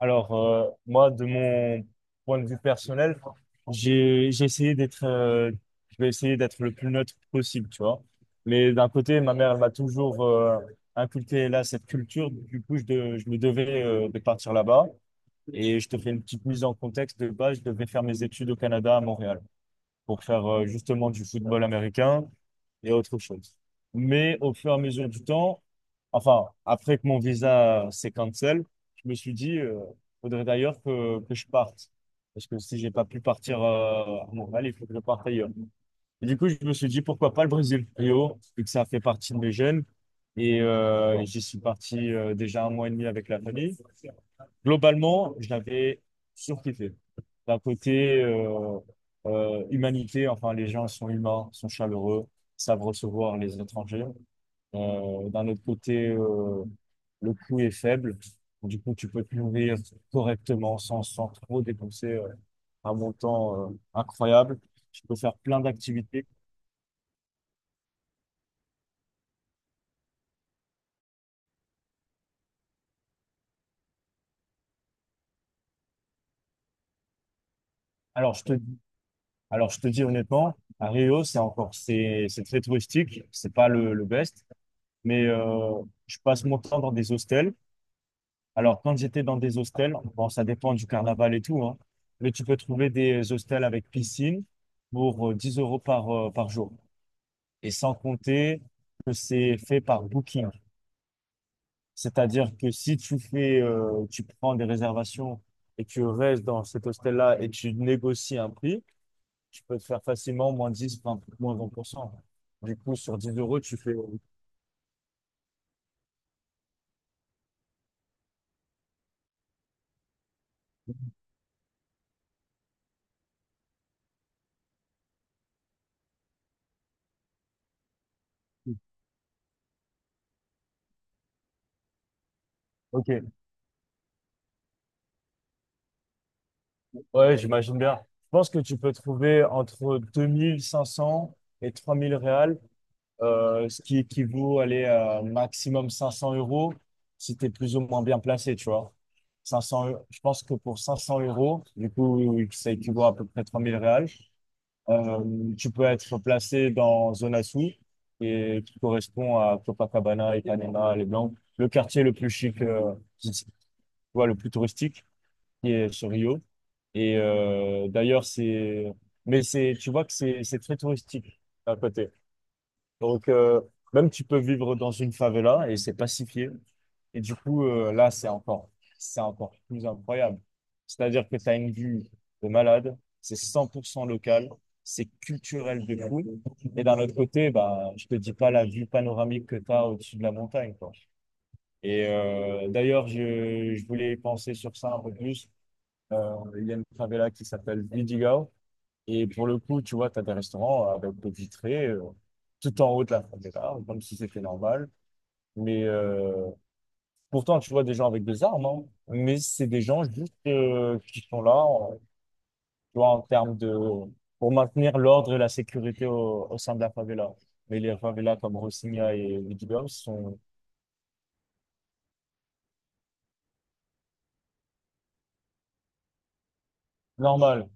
Alors, moi, de mon point de vue personnel, j'ai essayé d'être, je vais essayer d'être le plus neutre possible, tu vois. Mais d'un côté, ma mère, elle m'a toujours inculqué là cette culture. Du coup, je me devais de partir là-bas. Et je te fais une petite mise en contexte. De base, je devais faire mes études au Canada, à Montréal, pour faire justement du football américain, et autre chose. Mais au fur et à mesure du temps, enfin, après que mon visa s'est cancel, je me suis dit, faudrait d'ailleurs que je parte. Parce que si j'ai pas pu partir à Montréal, il faut que je parte ailleurs. Et du coup, je me suis dit, pourquoi pas le Brésil, Rio, vu que ça fait partie de mes jeunes. Et j'y suis parti déjà un mois et demi avec la famille. Globalement, je l'avais surkiffé. D'un côté, humanité, enfin, les gens sont humains, sont chaleureux, savent recevoir les étrangers. D'un autre côté, le coût est faible. Du coup, tu peux te nourrir correctement sans trop dépenser un montant incroyable. Tu peux faire plein d'activités. Alors, je te dis honnêtement, à Rio, c'est encore, c'est très touristique. C'est pas le best. Mais je passe mon temps dans des hostels. Alors, quand j'étais dans des hostels, bon, ça dépend du carnaval et tout, hein, mais tu peux trouver des hostels avec piscine pour 10 € par jour. Et sans compter que c'est fait par Booking. C'est-à-dire que si tu fais, tu prends des réservations et tu restes dans cet hostel-là et tu négocies un prix, tu peux te faire facilement moins 10, 20 moins 20%. Du coup, sur 10 euros, tu fais... Ok. Ouais, j'imagine bien. Je pense que tu peux trouver entre 2 500 et 3 000 réals, ce qui équivaut aller à maximum 500 euros si tu es plus ou moins bien placé, tu vois. Je pense que pour 500 euros, du coup, ça équivaut à peu près 3 000 réals. Tu peux être placé dans Zona Sul, et qui correspond à Copacabana, Ipanema, Les Blancs, le quartier le plus chic, tu vois, le plus touristique, qui est sur Rio. Et d'ailleurs, c'est. Mais c'est, tu vois que c'est très touristique à côté. Donc, même tu peux vivre dans une favela et c'est pacifié. Et du coup, là, c'est encore plus incroyable. C'est-à-dire que tu as une vue de malade, c'est 100% local, c'est culturel de fou. Et d'un autre côté, bah, je te dis pas la vue panoramique que tu as au-dessus de la montagne, quoi. Et d'ailleurs, je voulais penser sur ça un peu plus. Il y a une favela qui s'appelle Vidigal. Et pour le coup, tu vois, tu as des restaurants avec des vitrées tout en haut de la favela, comme si c'était normal. Mais pourtant, tu vois des gens avec des armes, hein. Mais c'est des gens juste qui sont là, tu vois, en termes de... pour maintenir l'ordre et la sécurité au sein de la favela. Mais les favelas comme Rocinha et Vidigal sont normales.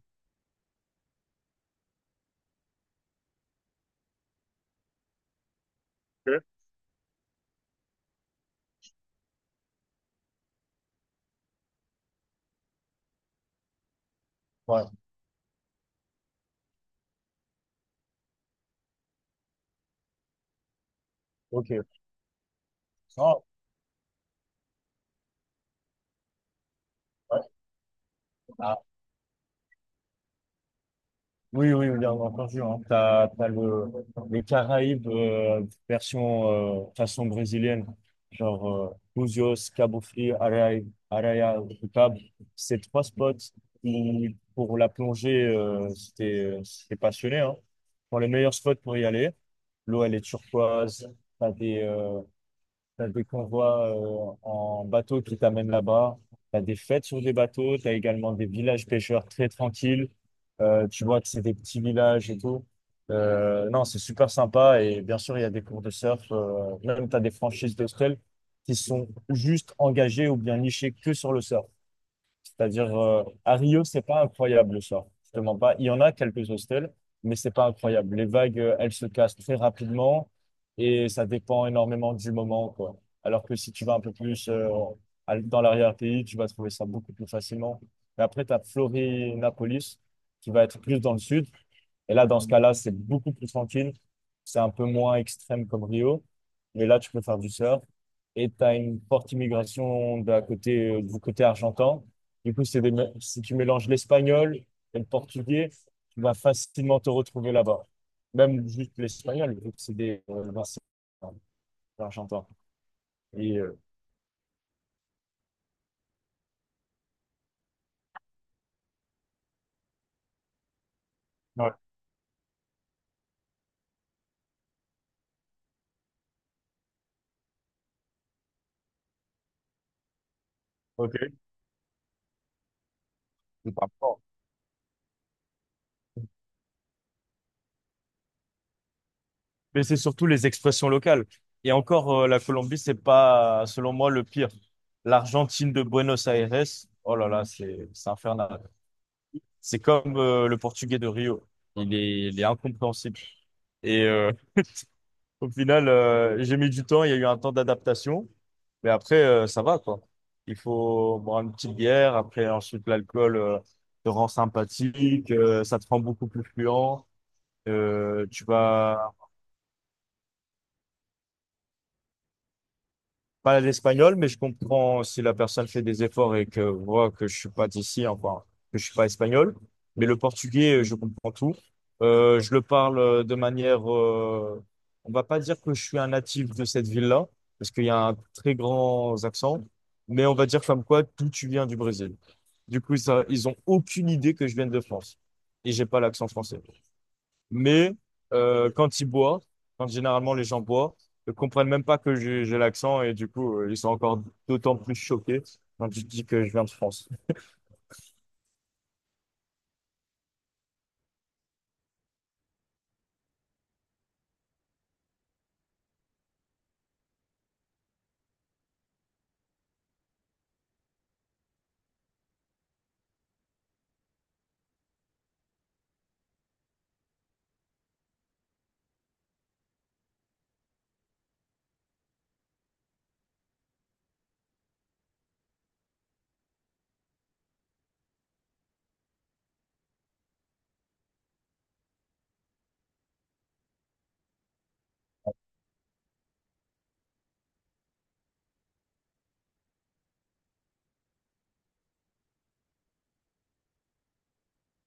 Ouais, ok. Ah, ouais. Ah, oui, oui, bien entendu. Hein. T'as les Caraïbes version façon brésilienne, genre Búzios, Cabo Frio, Araia, Araia do Cabo. Ces trois spots où, pour la plongée, si t'es passionné, hein, sont les meilleurs spots pour y aller. L'eau, elle est turquoise. T'as des, euh, T'as des convois en bateau qui t'amènent là-bas. T'as des fêtes sur des bateaux. T'as également des villages pêcheurs très tranquilles. Tu vois que c'est des petits villages et tout. Non, c'est super sympa. Et bien sûr, il y a des cours de surf. Même t'as des franchises d'hôtels qui sont juste engagées ou bien nichées que sur le surf. C'est-à-dire, à Rio, c'est pas incroyable le soir. Je te mens pas. Il y en a quelques hostels, mais c'est pas incroyable. Les vagues, elles se cassent très rapidement et ça dépend énormément du moment, quoi. Alors que si tu vas un peu plus dans l'arrière-pays, tu vas trouver ça beaucoup plus facilement. Mais après, tu as Florianópolis, qui va être plus dans le sud. Et là, dans ce cas-là, c'est beaucoup plus tranquille. C'est un peu moins extrême comme Rio. Mais là, tu peux faire du surf. Et tu as une forte immigration du côté argentin. Du coup, si tu mélanges l'espagnol et le portugais, tu vas facilement te retrouver là-bas. Même juste l'espagnol, vu que c'est des ben, euh, l'argentin. Et ouais, ok. Mais c'est surtout les expressions locales. Et encore, la Colombie, c'est pas, selon moi, le pire. L'Argentine de Buenos Aires, oh là là, c'est infernal. C'est comme le portugais de Rio. Il est incompréhensible. Et au final, j'ai mis du temps, il y a eu un temps d'adaptation, mais après, ça va, quoi. Il faut boire une petite bière, après, ensuite, l'alcool te rend sympathique, ça te rend beaucoup plus fluent. Tu vas pas l'espagnol, mais je comprends si la personne fait des efforts et que voit que je suis pas d'ici, enfin, que je suis pas espagnol. Mais le portugais, je comprends tout. Je le parle de manière, on va pas dire que je suis un natif de cette ville-là, parce qu'il y a un très grand accent, mais on va dire comme quoi tout tu viens du Brésil. Du coup, ça, ils ont aucune idée que je viens de France et j'ai pas l'accent français. Mais quand ils boivent, quand généralement les gens boivent, ils comprennent même pas que j'ai l'accent et du coup, ils sont encore d'autant plus choqués quand je dis que je viens de France. Je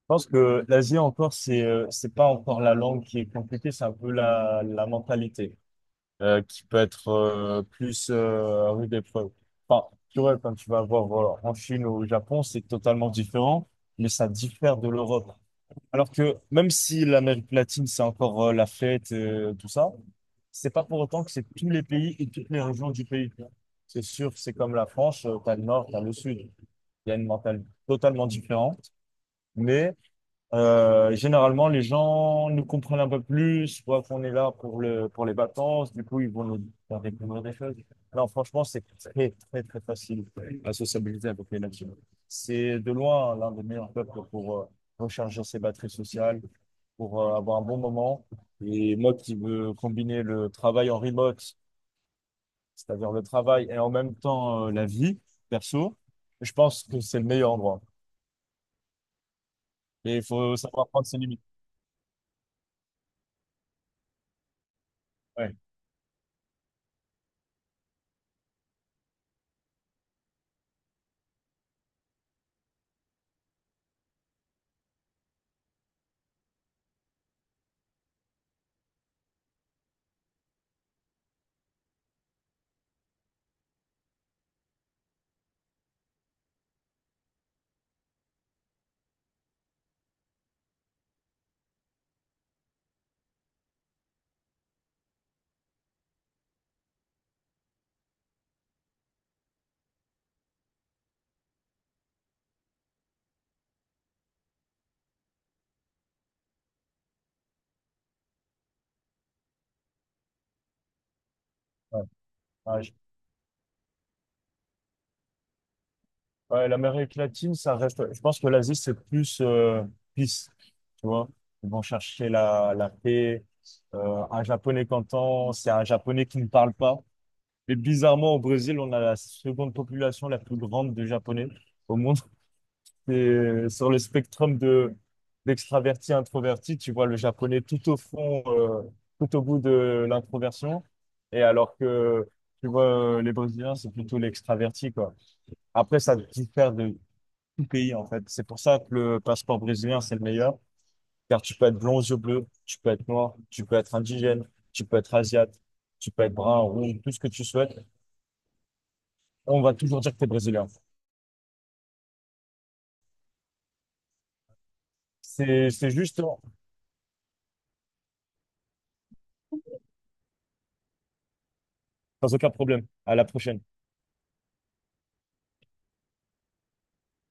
pense que l'Asie encore, c'est pas encore la langue qui est compliquée, c'est un peu la mentalité qui peut être plus rude épreuve. Enfin, tu vois, quand tu vas voir voilà, en Chine ou au Japon, c'est totalement différent, mais ça diffère de l'Europe. Alors que même si l'Amérique latine, c'est encore la fête, tout ça, c'est pas pour autant que c'est tous les pays et toutes les régions du pays. C'est sûr, c'est comme la France, t'as le nord, t'as le sud. Il y a une mentalité totalement différente, mais généralement, les gens nous comprennent un peu plus, voient qu'on est là pour les vacances, du coup, ils vont nous faire découvrir des choses. Non, franchement, c'est très, très, très facile à sociabiliser avec les nations. C'est de loin l'un des meilleurs peuples pour recharger ses batteries sociales, pour avoir un bon moment. Et moi qui veux combiner le travail en remote, c'est-à-dire le travail et en même temps la vie perso, je pense que c'est le meilleur endroit. Et il faut savoir prendre ses limites. Ouais, ouais. Ouais, ouais, l'Amérique latine, ça reste. Je pense que l'Asie, c'est plus peace, tu vois. Ils vont chercher la paix. Un Japonais qu'entend, c'est un Japonais qui ne parle pas. Mais bizarrement, au Brésil, on a la seconde population la plus grande de Japonais au monde. Et sur le spectre de d'extraverti introverti, tu vois le Japonais tout au fond, tout au bout de l'introversion. Et alors que, tu vois, les Brésiliens, c'est plutôt l'extraverti, quoi. Après, ça diffère de tout pays en fait. C'est pour ça que le passeport brésilien, c'est le meilleur, car tu peux être blond aux yeux bleus, tu peux être noir, tu peux être indigène, tu peux être asiate, tu peux être brun, rouge, tout ce que tu souhaites. On va toujours dire que tu es brésilien. C'est juste, sans aucun problème. À la prochaine.